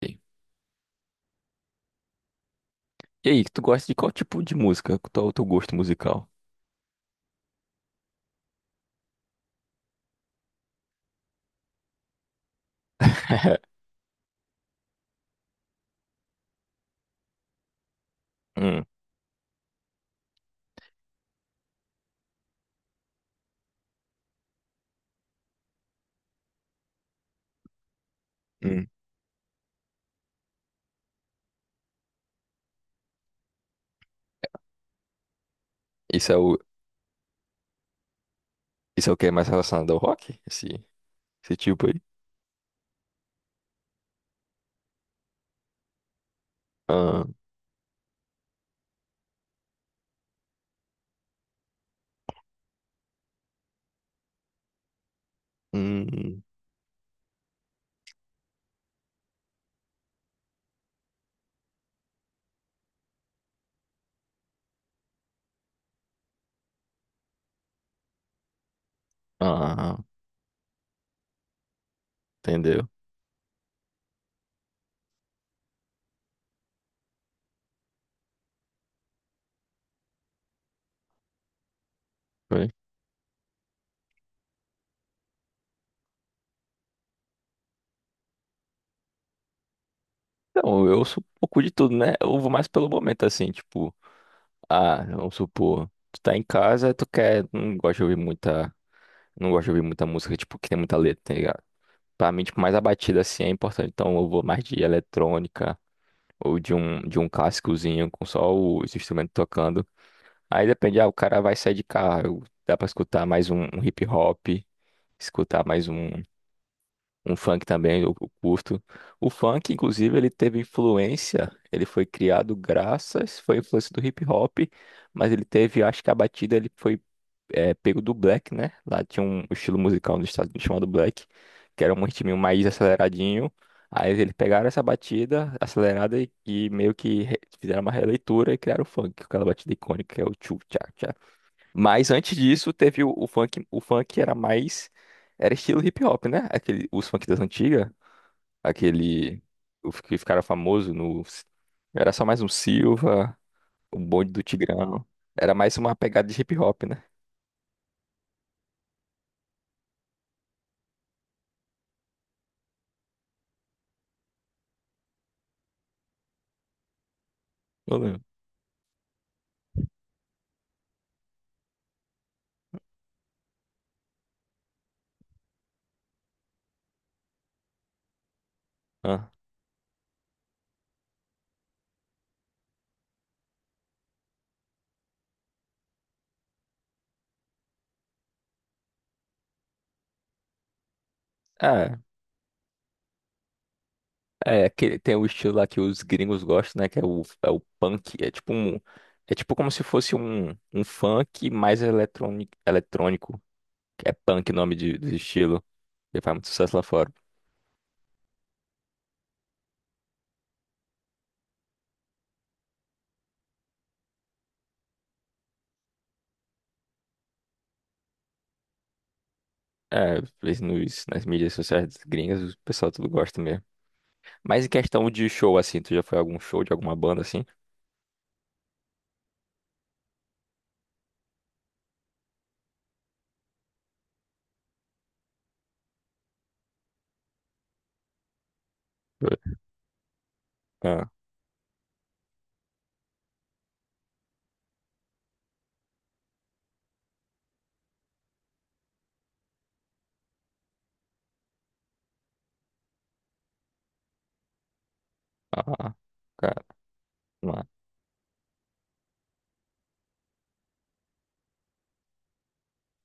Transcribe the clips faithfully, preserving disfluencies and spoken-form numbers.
Ok. E aí, tu gosta de qual tipo de música? Qual é o teu gosto musical? Hum, hum. Isso é o, isso é o que é mais relacionado ao rock? Esse, esse tipo aí? Ah, hum, ah, entendeu? Foi. Então, eu sou um pouco de tudo, né? Eu vou mais pelo momento, assim, tipo, ah, vamos supor, tu tá em casa, tu quer, não gosta de ouvir muita, não gosta de ouvir muita música, tipo, que tem muita letra, tá ligado? Pra mim, tipo, mais a batida, assim, é importante. Então, eu vou mais de eletrônica, ou de um, de um cascozinho com só os instrumentos tocando. Aí depende, ah, o cara vai sair de carro, dá pra escutar mais um, um hip hop, escutar mais um, um funk também, eu, eu curto. O funk, inclusive, ele teve influência, ele foi criado graças, foi influência do hip hop, mas ele teve, acho que a batida ele foi é, pego do Black, né? Lá tinha um estilo musical nos Estados Unidos chamado Black, que era um ritminho mais aceleradinho. Aí eles pegaram essa batida acelerada e, e meio que re- fizeram uma releitura e criaram o funk, aquela batida icônica que é o tchu tchá tchá. Mas antes disso teve o, o funk, o funk era mais era estilo hip hop, né? Aquele os funk das antigas, aquele o que ficaram famoso no era só mais um Silva, o bonde do Tigrão. Era mais uma pegada de hip hop, né? Eu lembro. Ah, é que tem o estilo lá que os gringos gostam, né? Que é o, é o punk. É tipo um, é tipo como se fosse um, um funk mais eletrônico, eletrônico. Que É punk o nome de, do estilo. Ele faz muito sucesso lá fora. É, vez nos, nas mídias sociais gringas, o pessoal tudo gosta mesmo. Mas em questão de show, assim, tu já foi a algum show de alguma banda assim? Ah, ah, ah, cara, ah,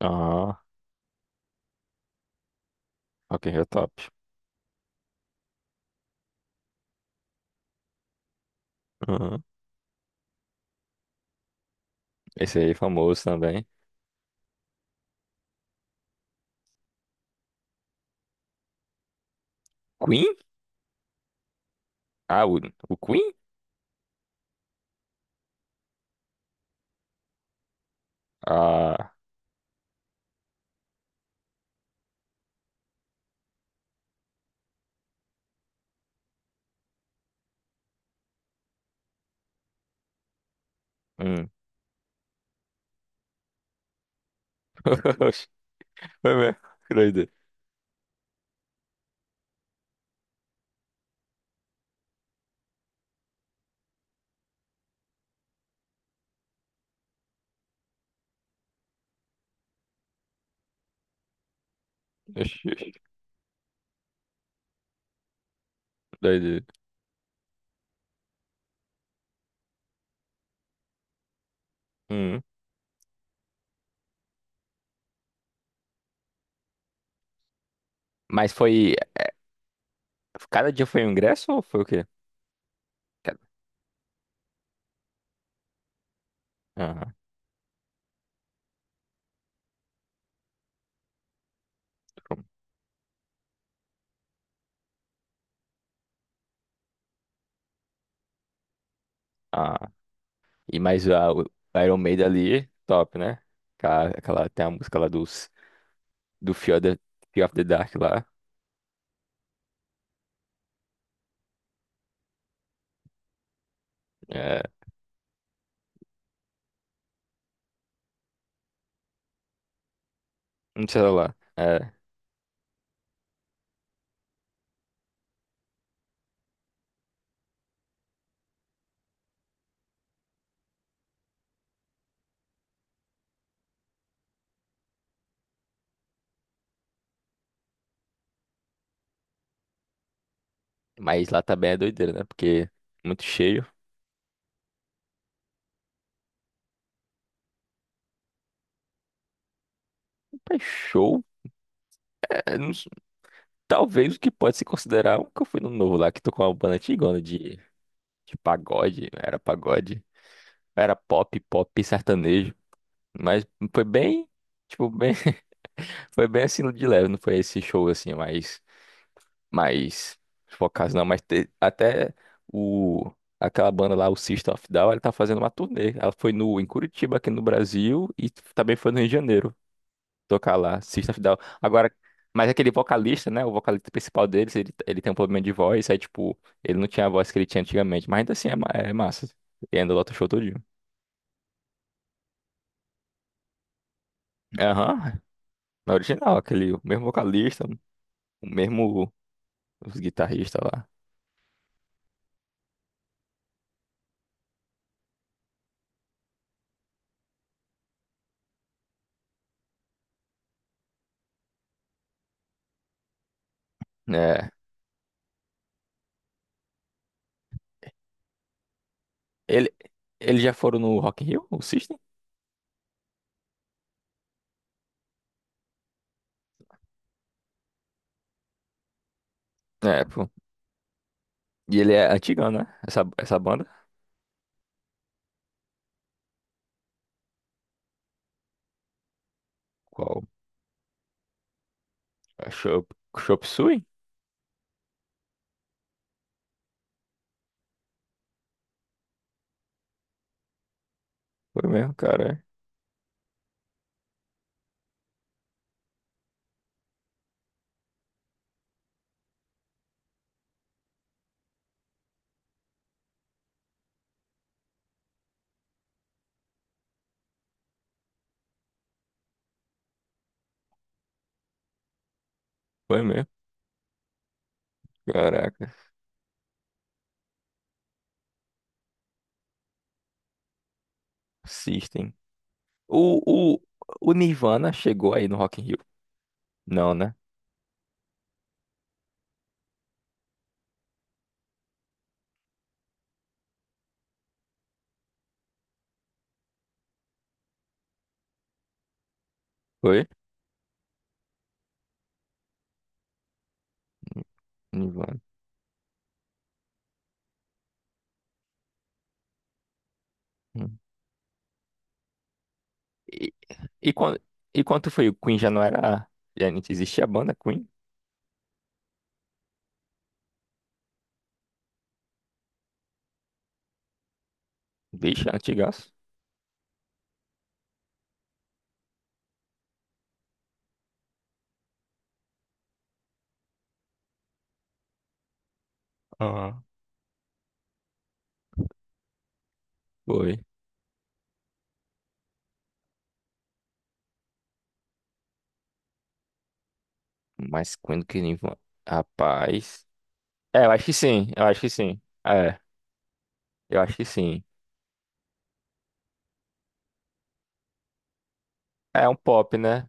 ah, ok, é top. Aham. Esse aí é famoso também. Queen? Ah, o, o Queen? Ah. Hum. Foi mesmo. Que doideira. Oxi, oxi, doideira. Hum. Mas foi. Cada dia foi um ingresso ou foi o quê? Cada- ah, pronto. Ah, e mais a, o Iron Maiden ali, top, né? Aquela, aquela- tem a música lá dos, do Fear of the, Fear of the Dark lá. É, não sei lá. É, mas lá também é doideira, né? Porque muito cheio. É show. É, não s- talvez o que pode se considerar um que eu fui no novo lá, que tocou uma banda antigona de, de pagode. Era pagode. Era pop, pop sertanejo. Mas foi bem, tipo, bem, foi bem assim de leve, não foi esse show assim, mais, mais focado não, mas te- até o aquela banda lá, o System of a Down, ela tá fazendo uma turnê. Ela foi no em Curitiba aqui no Brasil e também foi no Rio de Janeiro tocar lá, System of a Down. Agora, mas aquele vocalista, né, o vocalista principal deles, ele, ele tem um problema de voz, aí tipo, ele não tinha a voz que ele tinha antigamente, mas ainda assim é, ma- é massa. E ainda lota o show todinho. Aham. Na original, aquele, o mesmo vocalista, o mesmo os guitarristas lá. É. Ele, eles já foram no Rock in Rio, o System? É, pô. E ele é antigão, né? Essa, essa banda. Qual? É Chop, Chop Suey? Foi mesmo, cara. Foi mesmo. Caraca. System. O, o, o Nirvana chegou aí no Rock in Rio? Não, né? Foi? Nirvana. Hum. E, e, quando, e quando foi? O Queen já não era. Já não existia a banda Queen? Bicha, antigaço. Aham. Foi. Mas quando que ele... va- Rapaz... É, eu acho que sim. Eu acho que sim. É, eu acho que sim. É um pop, né?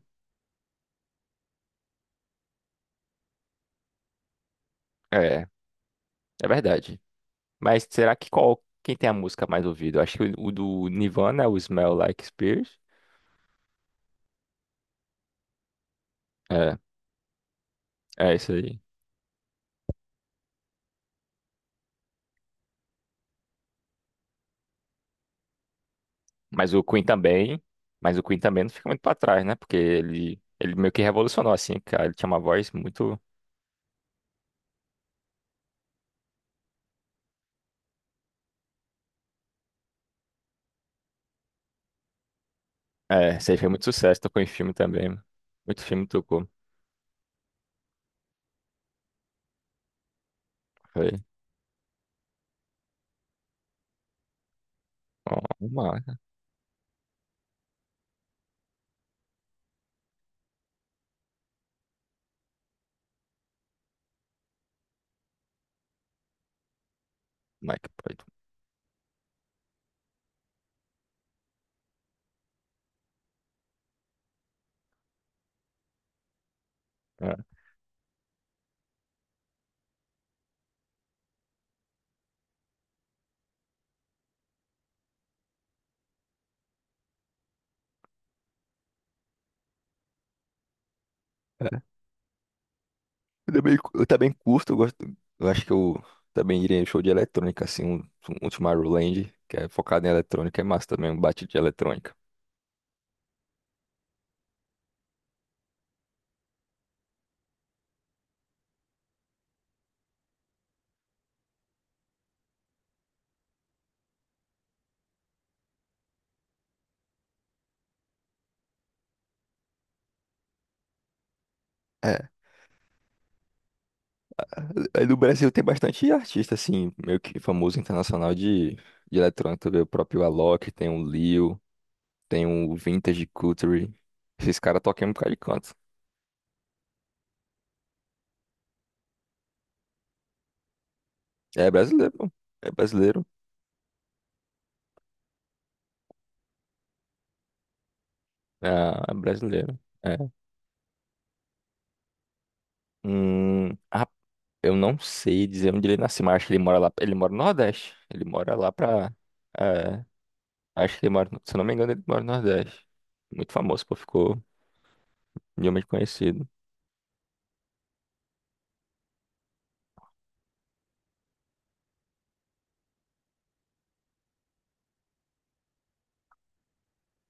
É, é verdade. Mas será que qual... Quem tem a música mais ouvida? Eu acho que o, o do Nirvana é o Smell Like Spirit. É, é isso aí. Mas o Queen também... Mas o Queen também não fica muito pra trás, né? Porque ele... Ele meio que revolucionou, assim, cara. Ele tinha uma voz muito... É, isso aí fez muito sucesso. Tocou em filme também. Muito filme tocou. Foi. Ó, uma... Como é que pode? Eu também, eu também curto, eu gosto. Eu acho que eu também iria em show de eletrônica, assim, um, um Tomorrowland, que é focado em eletrônica, é massa também, um bate de eletrônica. É. Aí no Brasil tem bastante artista, assim, meio que famoso internacional de, de eletrônica. Tu vê o próprio Alok, tem o Lil, tem o Vintage Culture. Esses caras tocam em um bocado de canto. É brasileiro, pô. É brasileiro. Ah, é brasileiro. É. Hum, eu não sei dizer onde ele nasceu, mas acho que ele mora lá. Ele mora no Nordeste. Ele mora lá pra. É, acho que ele mora. No- Se eu não me engano, ele mora no Nordeste. Muito famoso, pô, ficou mundialmente conhecido.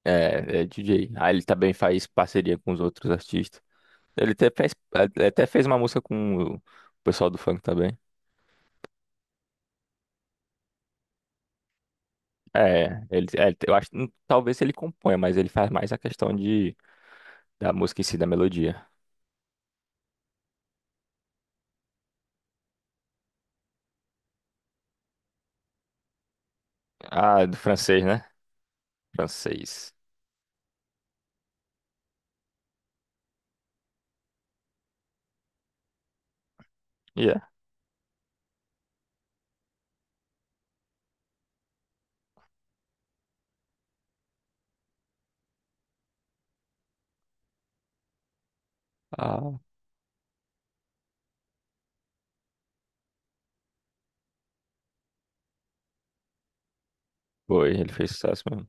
É, é D J. Ah, ele também faz parceria com os outros artistas. Ele até fez, ele até fez uma música com o pessoal do funk também. É, ele, é, eu acho, hum, talvez ele componha, mas ele faz mais a questão de da música em si, da melodia. Ah, é do francês, né? Francês. Yeah. Ah, foi, ele fez sucesso mesmo.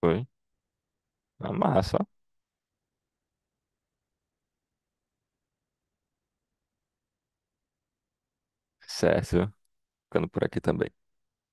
Foi. Na massa, ó. Certo. Ficando por aqui também.